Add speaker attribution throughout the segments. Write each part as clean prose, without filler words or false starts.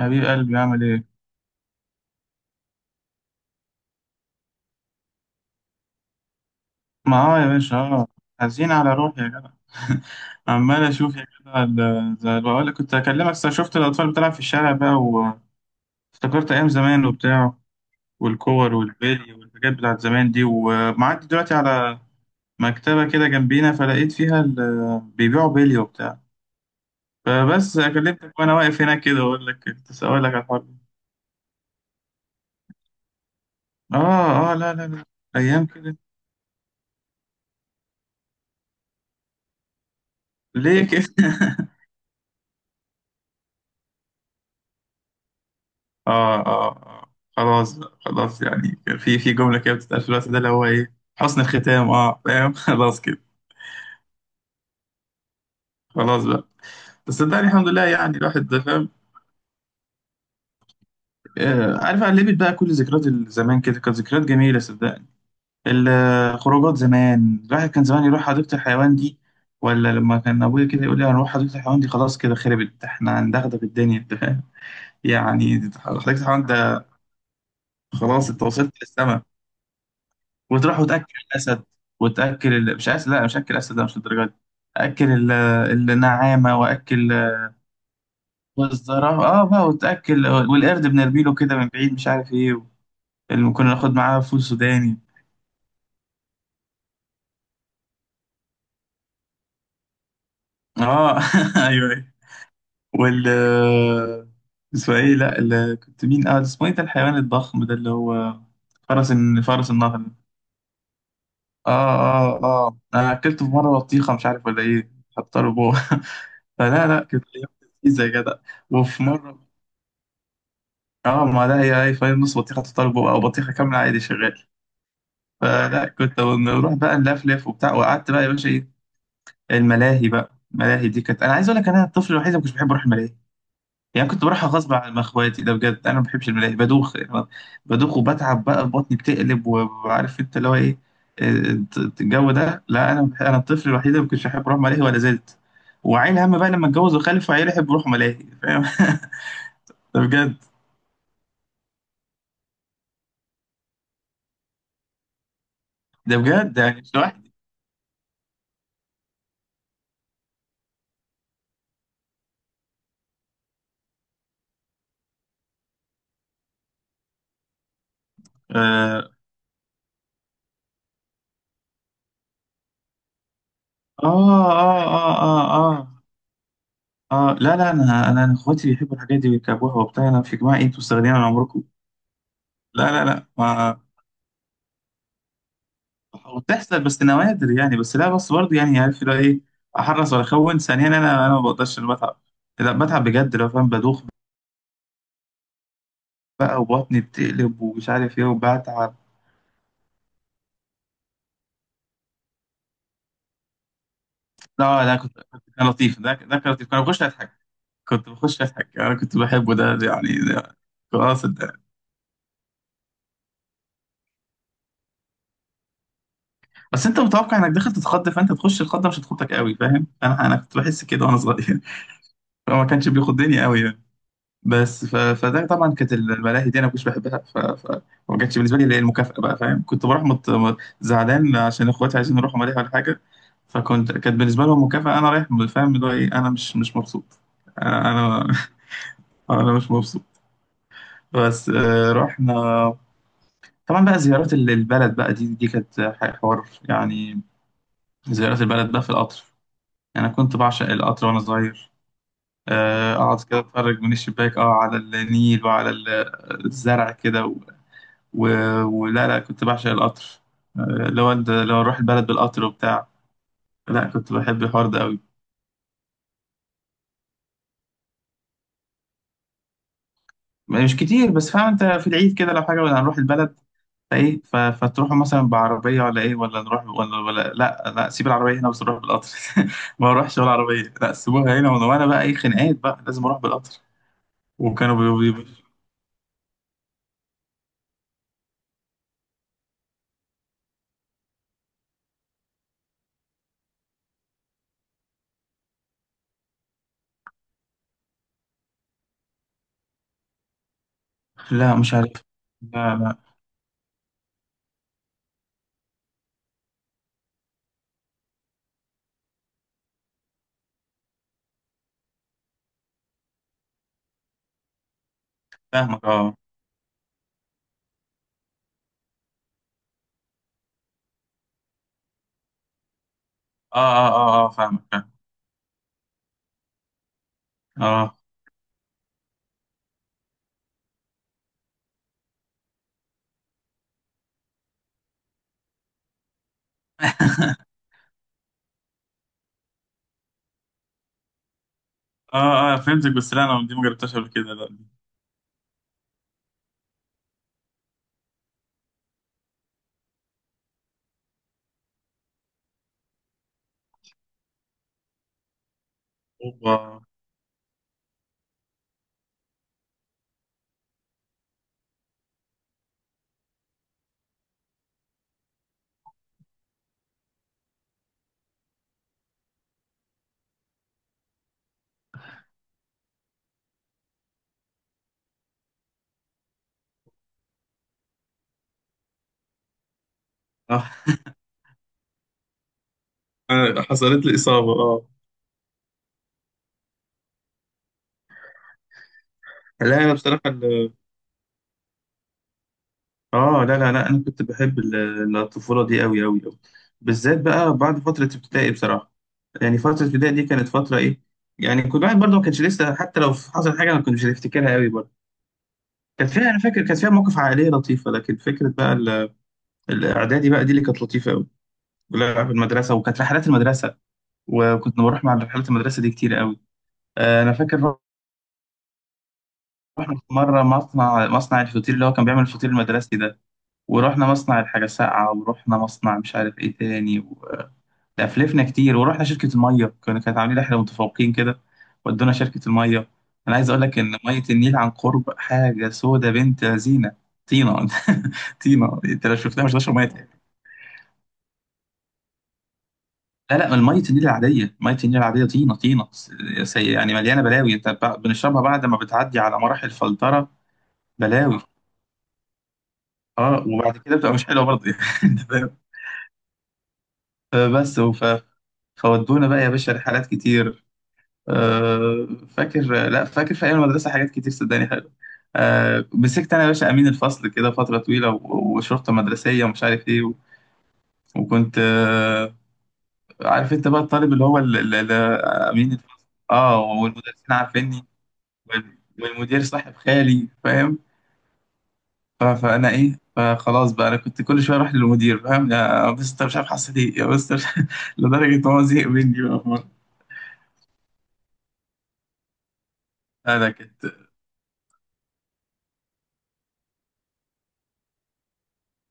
Speaker 1: حبيب قلبي عامل ايه؟ ما اه يا باشا اه، حزين على روحي يا جدع عمال اشوف يا جدع، زي ما بقول لك كنت اكلمك صح، شفت الاطفال بتلعب في الشارع بقى، وافتكرت ايام زمان وبتاع، والكور والبلي والحاجات بتاعت زمان دي، ومعدي دلوقتي على مكتبة كده جنبينا، فلقيت فيها بيبيعوا بلي وبتاع. فبس كلمتك وانا واقف هناك كده اقول لك كنت اسالك على الحوار ده. اه اه، لا، ايام كده. ليه كده؟ اه اه آه. خلاص بقى، خلاص، يعني في جملة كده بتتقال في الوقت ده اللي هو ايه، حسن الختام، اه فاهم؟ خلاص كده، خلاص بقى. بس صدقني الحمد لله، يعني الواحد ده فاهم. آه عارف، قلبت بقى كل ذكريات زمان كده، كانت ذكريات جميلة صدقني. الخروجات زمان، الواحد كان زمان يروح حديقة الحيوان دي، ولا لما كان ابويا كده يقول لي هنروح حديقة الحيوان دي، خلاص كده خربت، احنا هندغدغ الدنيا، انت فاهم، يعني حديقة الحيوان ده خلاص انت وصلت للسما. وتروح وتاكل الاسد، وتاكل مش اسد، لا مش اكل اسد، لا مش الدرجه دي. اكل النعامه، واكل والزرافه اه بقى، وتاكل، والقرد بنرميله كده من بعيد مش عارف ايه، اللي كنا ناخد معاه فول سوداني. اه ايوه ايوه. وال اسمه ايه، لا ال... كنت مين، اه اسمه ايه ده الحيوان الضخم ده اللي هو فرس فرس النهر. اه اه اه، انا اكلته في مره بطيخه مش عارف ولا ايه، حط له جوه فلا لا، كانت ايام لذيذه يا جدع. وفي مره اه، ما لا هي هاي فاهم، نص بطيخه تطلب او بطيخه كامله عادي شغال. فلا كنت نروح بقى نلفلف وبتاع، وقعدت بقى يا باشا ايه، الملاهي بقى. الملاهي دي كانت، انا عايز اقول لك، انا الطفل الوحيد اللي ما كنتش بحب اروح الملاهي. يعني كنت بروحها غصب عن اخواتي، ده بجد انا ما بحبش الملاهي، بدوخ يعني، بدوخ وبتعب بقى، بطني بتقلب وعارف انت اللي هو ايه الجو ده. لا انا انا الطفل الوحيد اللي ما كنتش بحب اروح ملاهي ولا زلت. وعيل هم بقى لما اتجوز وخلف، وعيل يحب يروح ملاهي فاهم ده بجد. ده بجد يعني مش لوحدي. آه، آه آه. لا لا، أنا إخواتي بيحبوا الحاجات دي ويركبوها وبتاع، أنا في جماعة إيه، أنتوا مستغنيين عن عمركم. لا، ما بتحصل بس نوادر يعني، بس لا، بس برضه يعني عارف اللي هو إيه، أحرص ولا أخون ثانيا. أنا ما بقدرش، أنا بتعب، لا بتعب بجد لو فاهم، بدوخ بقى وبطني بتقلب ومش عارف إيه وبتعب. لا لا، كان لطيف ده، ده كان لطيف، كنت بخش أضحك. كنت بخش أضحك، أنا كنت بحبه ده، يعني ده. خلاص. بس انت متوقع انك داخل تتخض، فانت تخش الخضه مش هتخضك قوي فاهم، انا كنت بحس كده وانا صغير فهو ما كانش بياخد دنيا قوي يعني. بس فده طبعا، كانت الملاهي دي انا ما كنتش بحبها ما كانتش بالنسبه لي اللي هي المكافاه بقى فاهم. كنت بروح زعلان عشان اخواتي عايزين يروحوا ملاهي ولا حاجه. فكنت، كانت بالنسبه لهم مكافاه، انا رايح فاهم اللي هو ايه، انا مش مبسوط. انا انا انا مش مبسوط. بس آه، رحنا. طبعا بقى زيارات البلد بقى، دي كانت حوار يعني. زيارات البلد بقى في القطر، يعني أنا كنت بعشق القطر وأنا صغير. آه، أقعد كده أتفرج من الشباك أه، على النيل وعلى الزرع كده و... ولا لا، كنت بعشق القطر. آه، لو أروح البلد بالقطر وبتاع، لا كنت بحب الحوار ده أوي. مش كتير، بس فاهم أنت في العيد كده لو حاجة ولا هنروح البلد، فإيه فتروحوا مثلا بعربية ولا إيه، ولا نروح ولا، ولا لا لا سيب العربية هنا بس نروح بالقطر ما بروحش ولا عربية، لا سيبوها هنا، وأنا بقى إيه، خناقات بقى لازم أروح بالقطر. وكانوا بيقولوا، لا مش عارف. لا لا فاهمك اه. اه, آه فاهمك فاهم. اه اه اه فهمتك، بس لا انا دي ما جربتهاش قبل كده، لا دي. اوبا. اه آه، حصلت لي اصابه اه. لا انا بصراحه اه لا انا كنت بحب الطفوله دي قوي قوي. بالذات بقى بعد فتره ابتدائي بصراحه، يعني فتره ابتدائي دي كانت فتره ايه يعني، كل واحد برضه ما كانش لسه، حتى لو حصل حاجه انا كنت مش هفتكرها قوي برضه. كانت فيها، انا فاكر، كانت فيها مواقف عائليه لطيفه، لكن فكره بقى الاعدادي بقى دي اللي كانت لطيفه قوي. لا في المدرسه، وكانت رحلات المدرسه، وكنت بروح مع رحلات المدرسة دي كتير قوي. آه، أنا فاكر رحنا في مرة مصنع الفطير اللي هو كان بيعمل الفطير المدرسي ده. ورحنا مصنع الحاجة ساقعة، ورحنا مصنع مش عارف إيه تاني لا، فلفنا كتير. ورحنا شركة المية، كانوا كانت عاملين رحلة متفوقين كده، ودونا شركة المية. أنا عايز أقول لك إن مية النيل عن قرب حاجة سودة بنت زينة، طينة طينة أنت لو شفتها مش هتشرب. لا لا، المية النيل العادية، مية النيل العادية، طينة سي يعني، مليانة بلاوي، انت بنشربها بعد ما بتعدي على مراحل فلترة. بلاوي. اه وبعد كده بتبقى مش حلوة برضه يعني فاهم؟ فبس فودونا بقى يا باشا رحلات كتير. آه فاكر، لا فاكر في ايام المدرسة حاجات كتير صدقني حلوة. آه مسكت انا يا باشا امين الفصل كده فترة طويلة، وشرطة مدرسية ومش عارف ايه وكنت آه، عارف انت بقى الطالب اللي هو آه، امين الفصل. اه والمدرسين عارفيني، والمدير صاحب خالي فاهم. فانا ايه، فخلاص بقى انا كنت كل شويه اروح للمدير فاهم، يا مستر مش عارف حصل ايه، يا مستر مش لدرجه ان هو زهق مني بقى في مرة. لا لا كانت.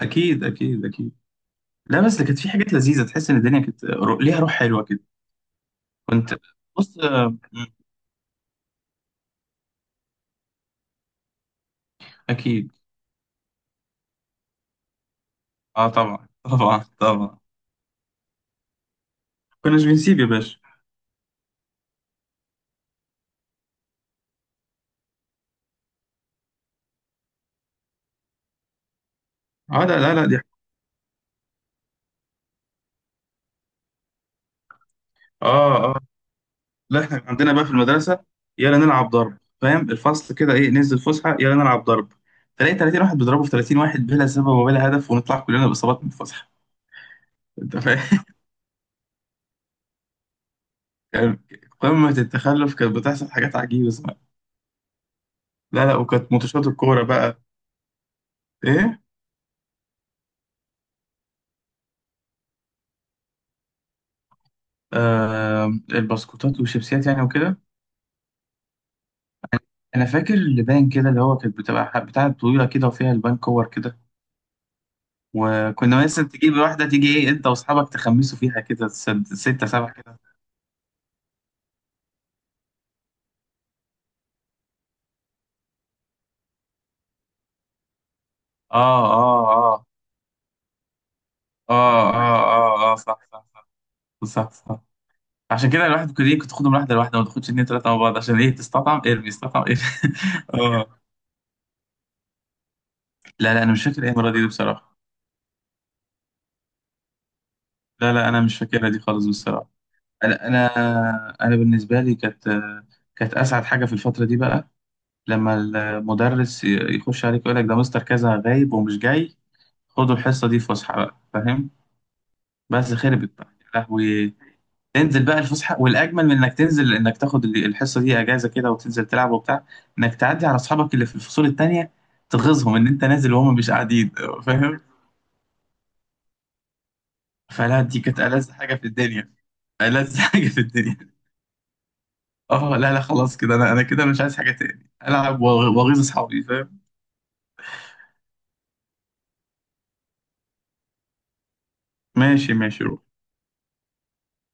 Speaker 1: اكيد اكيد. لا بس كانت في حاجات لذيذه، تحس ان الدنيا كانت ليها روح حلوه كده. كنت بص آه، م، اكيد. اه طبعا طبعا. كناش بنسيب يا باشا. اه لا لا لا دي. اه آه. لا احنا كان عندنا بقى في المدرسه، يلا نلعب ضرب فاهم، الفصل كده ايه، ننزل فسحه يلا نلعب ضرب. تلاقي 30 واحد بيضربوا في 30 واحد بلا سبب وبلا هدف، ونطلع كلنا باصابات من الفسحه. انت فاهم كان قمه التخلف، كانت بتحصل حاجات عجيبه صراحة. لا لا، وكانت ماتشات الكوره بقى ايه، آه البسكوتات والشيبسيات يعني وكده. انا فاكر اللبان كده اللي هو كانت بتبقى بتاعه طويله كده وفيها البان كور كده، وكنا مثلا تجيب واحده تيجي ايه انت واصحابك تخمسوا فيها كده، سته سبعه كده. اه اه آه. اه اه اه صح صح، صح. عشان كده الواحد كل يوم كنت تاخدهم واحده لواحده، ما تاخدش اتنين تلاته مع بعض، عشان ايه، تستطعم ارمي استطعم ارمي اه لا لا انا مش فاكر ايه المره دي بصراحه، لا لا انا مش فاكرها دي خالص بصراحه. انا انا انا بالنسبه لي كانت، كانت اسعد حاجه في الفتره دي بقى، لما المدرس يخش عليك يقول لك ده مستر كذا غايب ومش جاي، خدوا الحصه دي فسحه بقى فاهم. بس خربت بقى. يا لهوي، تنزل بقى الفسحه، والاجمل من انك تنزل انك تاخد الحصه دي اجازه كده وتنزل تلعب وبتاع، انك تعدي على اصحابك اللي في الفصول التانيه تغيظهم ان انت نازل وهم مش قاعدين فاهم. فلا دي كانت ألذ حاجه في الدنيا، ألذ حاجه في الدنيا. اه لا لا، خلاص كده انا، انا كده مش عايز حاجه تاني، العب واغيظ اصحابي فاهم. ماشي ماشي.